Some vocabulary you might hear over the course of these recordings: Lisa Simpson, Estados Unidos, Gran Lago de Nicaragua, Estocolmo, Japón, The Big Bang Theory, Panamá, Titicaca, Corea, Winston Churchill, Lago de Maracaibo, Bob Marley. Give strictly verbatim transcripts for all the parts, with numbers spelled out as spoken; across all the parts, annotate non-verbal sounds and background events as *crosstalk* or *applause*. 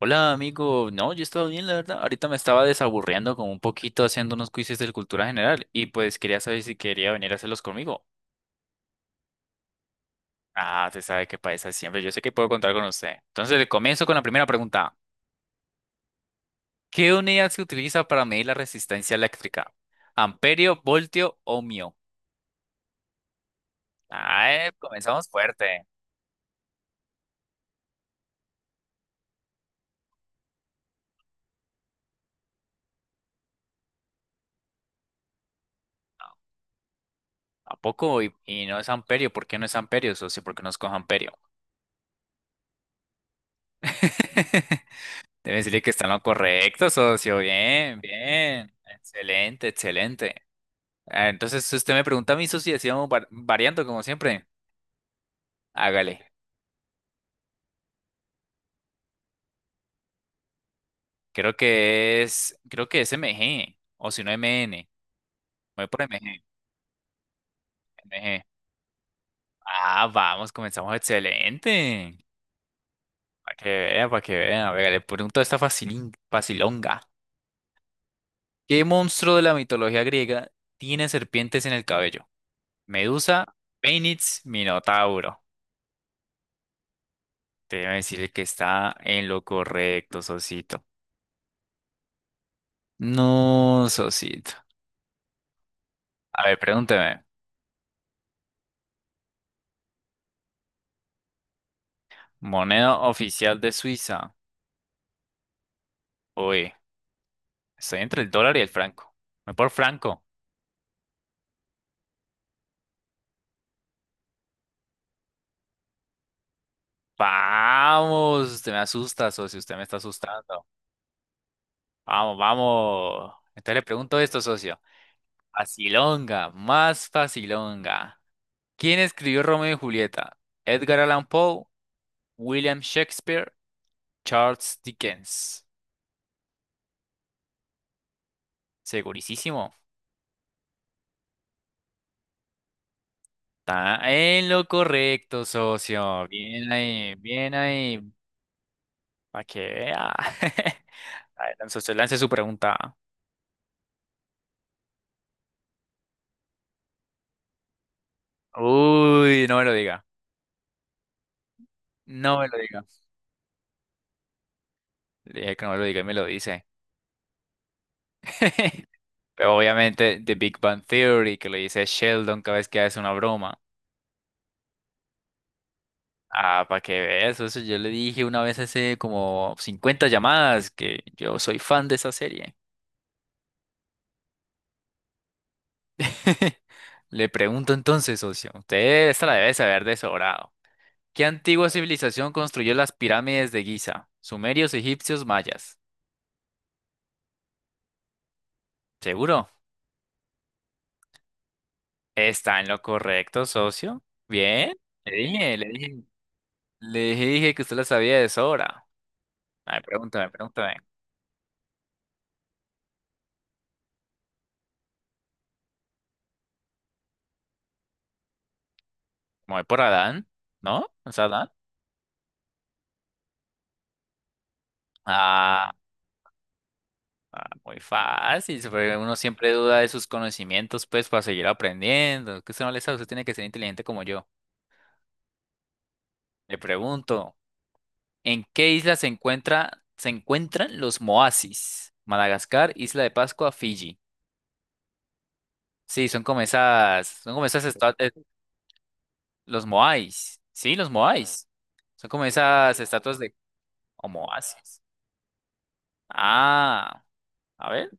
Hola amigo, no, yo he estado bien, la verdad. Ahorita me estaba desaburriendo como un poquito haciendo unos quizzes de cultura general y pues quería saber si quería venir a hacerlos conmigo. Ah, se sabe que para esa siempre, yo sé que puedo contar con usted. Entonces le comienzo con la primera pregunta. ¿Qué unidad se utiliza para medir la resistencia eléctrica? ¿Amperio, voltio, ohmio? Ah, eh, comenzamos fuerte. ¿A poco? Y, y no es amperio, ¿por qué no es amperio, socio? ¿Por qué no escojo amperio? *laughs* Debe decirle que está en lo correcto, socio. Bien, bien. Excelente, excelente. Ah, entonces, si usted me pregunta a mí, socio, y así vamos var- variando como siempre. Hágale. Creo que es, creo que es M G, o si no M N. Voy por M G, M G. Ah, vamos, comenzamos excelente. Para que vea, para que vea. Venga, le pregunto esta facilín, facilonga. ¿Qué monstruo de la mitología griega tiene serpientes en el cabello? Medusa, Fénix, Minotauro. Debe decirle que está en lo correcto, Sosito. No, Sosito. A ver, pregúnteme. Moneda oficial de Suiza. Oye, estoy entre el dólar y el franco. Me por franco. Vamos, usted me asusta, socio. Usted me está asustando. Vamos, vamos. Entonces le pregunto esto, socio. Facilonga, más facilonga. ¿Quién escribió Romeo y Julieta? Edgar Allan Poe, William Shakespeare, Charles Dickens. Segurísimo. Está en lo correcto, socio. Bien ahí, bien ahí. Para que vea. *laughs* A ver, socio, lance su pregunta. Uy, no me lo diga. No me lo diga. Le dije que no me lo diga y me lo dice. *laughs* Pero obviamente, The Big Bang Theory, que lo dice Sheldon cada vez que hace una broma. Ah, para que veas eso. Yo le dije una vez hace como cincuenta llamadas que yo soy fan de esa serie. *laughs* Le pregunto entonces, socio. Usted esta la debe saber de sobrado. ¿Qué antigua civilización construyó las pirámides de Giza? Sumerios, egipcios, mayas. ¿Seguro? Está en lo correcto, socio. Bien. Le dije, le dije, le dije que usted la sabía de sobra. A ver, pregúntame, pregúntame. Me voy por Adán, ¿no? ¿Es Adán? Ah, ah, muy fácil. se fue- Uno siempre duda de sus conocimientos, pues, para seguir aprendiendo. Que usted no le sabe, usted tiene que ser inteligente como yo. Le pregunto. ¿En qué isla se encuentra, se encuentran los Moasis? Madagascar, Isla de Pascua, Fiji. Sí, son como esas, son como esas estatuas, los Moais. Sí, los Ah, Moais. Son como esas ah, estatuas de o Moasis. Ah, a ver,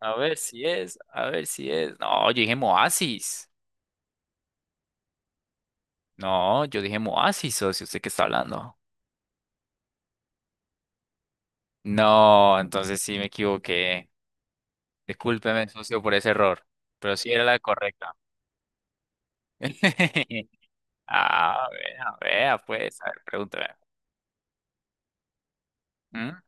a ver si es, a ver si es. No, yo dije Moasis. No, yo dije Moasis, socio, ¿usted qué está hablando? No, entonces sí me equivoqué. Discúlpeme, socio, por ese error, pero sí era la correcta. *laughs* Ah, vea, vea, pues, a ver, pregúntame. ¿Mm?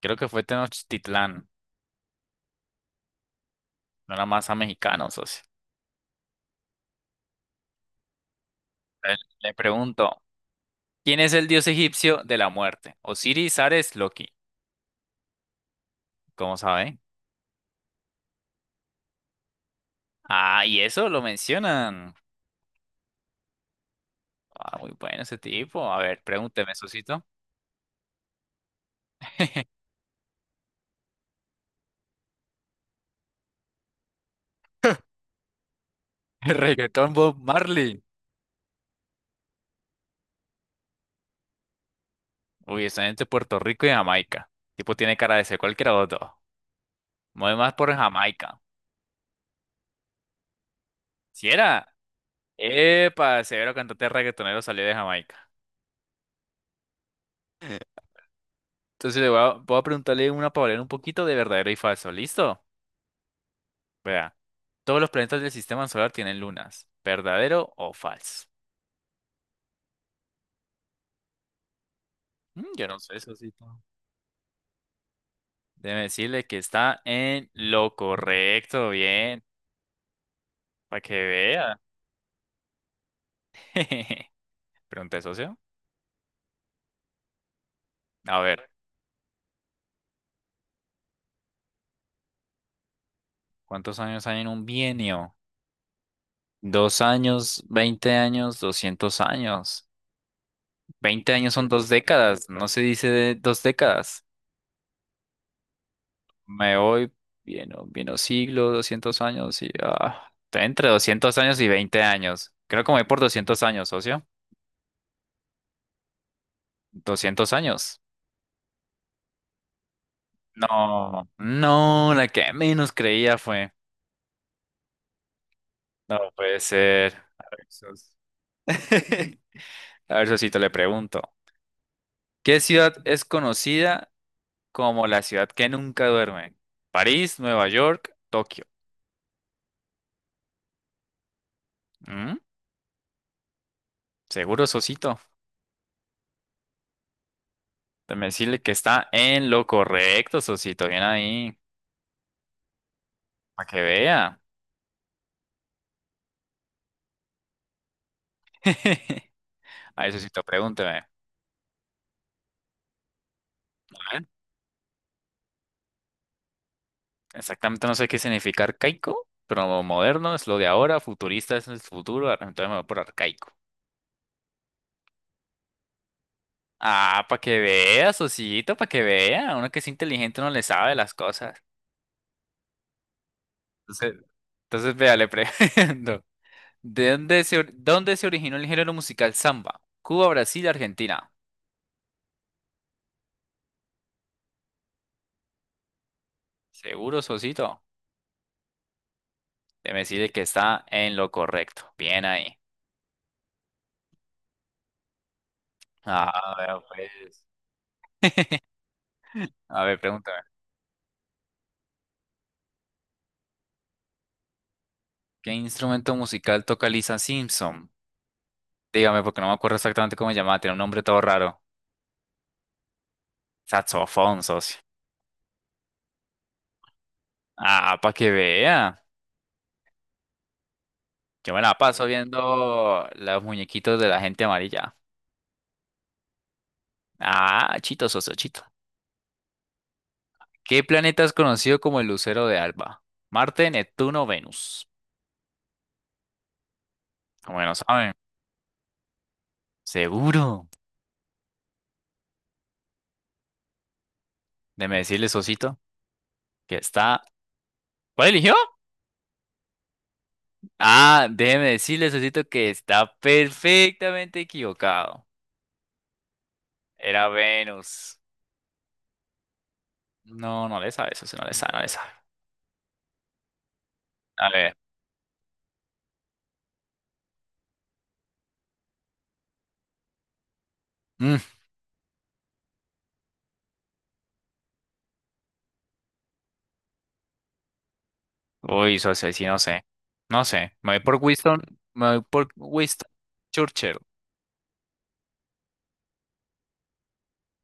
Creo que fue Tenochtitlán, no la masa mexicana, socio. Le, le pregunto, ¿quién es el dios egipcio de la muerte? Osiris, Ares, Loki. ¿Cómo sabe? Ah, y eso lo mencionan. Ah, muy bueno ese tipo. A ver, pregúnteme, socito. *laughs* El reggaetón Bob Marley. Uy, está entre Puerto Rico y Jamaica. Tipo tiene cara de ser cualquiera de los dos. Mueve más por Jamaica. ¿Si era? Epa, severo cantante reggaetonero salió de Jamaica. Entonces le voy a, voy a preguntarle una palabra un poquito de verdadero y falso. ¿Listo? Vea. Todos los planetas del sistema solar tienen lunas. ¿Verdadero o falso? Mm, yo no sé eso. Sí, no. Déjeme decirle que está en lo correcto. Bien. Para que vea. *laughs* Pregunta, socio. A ver, ¿cuántos años hay en un bienio? Dos años, veinte años, doscientos años. Veinte años son dos décadas. No se dice de dos décadas. Me voy, bien, o bien o siglo, doscientos años y... ah, está entre doscientos años y veinte años. Creo que me voy por doscientos años, socio. Doscientos años. No, no, la que menos creía fue. No puede ser. A ver, sos- *laughs* A ver, socito, le pregunto. ¿Qué ciudad es conocida como la ciudad que nunca duerme? París, Nueva York, Tokio. ¿Mm? Seguro, socito. Déjame decirle que está en lo correcto, socito. Bien ahí. Para que vea. *laughs* A eso sí te pregúnteme. A ver, exactamente no sé qué significa arcaico, pero moderno es lo de ahora, futurista es el futuro, ar- entonces me voy por arcaico. Ah, para que vea, Sosito, para que vea. Uno que es inteligente no le sabe las cosas. Entonces, entonces vea, le pregunto. *laughs* ¿De dónde se, or- dónde se originó el género musical samba? Cuba, Brasil, Argentina. Seguro, Sosito. Debe decirle que está en lo correcto. Bien ahí. Ah, vea, pues. *laughs* A ver, pregúntame. ¿Qué instrumento musical toca Lisa Simpson? Dígame, porque no me acuerdo exactamente cómo se llamaba, tiene un nombre todo raro. Saxofón, socio. Ah, para que vea. Yo me la paso viendo los muñequitos de la gente amarilla. Ah, chito, socio, chito. ¿Qué planeta es conocido como el lucero de Alba? Marte, Neptuno, Venus. Como que no saben. Seguro. Déjeme decirle, socito, que está. ¿Cuál eligió? Ah, déjeme decirle, socito, que está perfectamente equivocado. Era Venus. No, no le sabe, eso sí no le sabe, no le sabe. A ver. Mm. Uy, eso sí, no sé. No sé. Me voy por Winston. Me voy por Winston Churchill.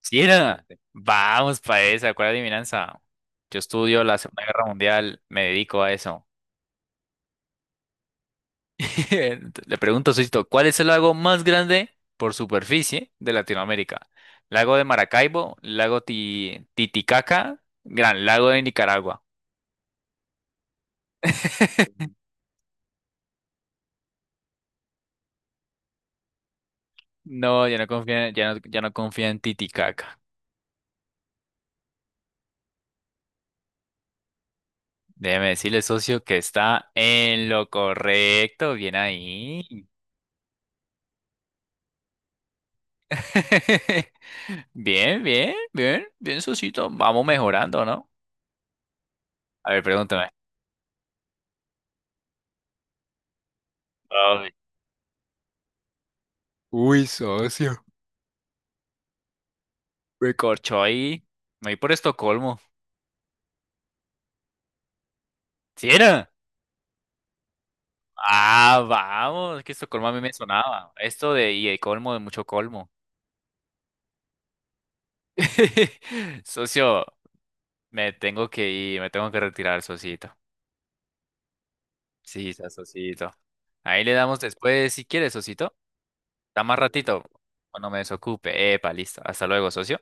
¿Sí era? Vamos para esa. ¿Cuál adivinanza? Yo estudio la Segunda Guerra Mundial. Me dedico a eso. *laughs* Le pregunto, Sosito, ¿cuál es el lago más grande por superficie de Latinoamérica? ¿Lago de Maracaibo? ¿Lago Ti- Titicaca? ¿Gran Lago de Nicaragua? *laughs* No, ya no confía, ya no, ya no confía en Titicaca. Déjeme decirle, socio, que está en lo correcto. Bien ahí. *laughs* Bien, bien, bien, bien, socito. Vamos mejorando, ¿no? A ver, pregúntame. Ay. Uy, socio. Me corchó ahí. Me voy por Estocolmo. ¿Sí era? Ah, vamos. Es que Estocolmo a mí me sonaba. Esto de y el colmo de mucho colmo. *laughs* Socio, me tengo que ir. Me tengo que retirar, socito. Sí, sa- socito. Ahí le damos después si quieres, socito. Está más ratito cuando me desocupe. Epa, listo. Hasta luego, socio.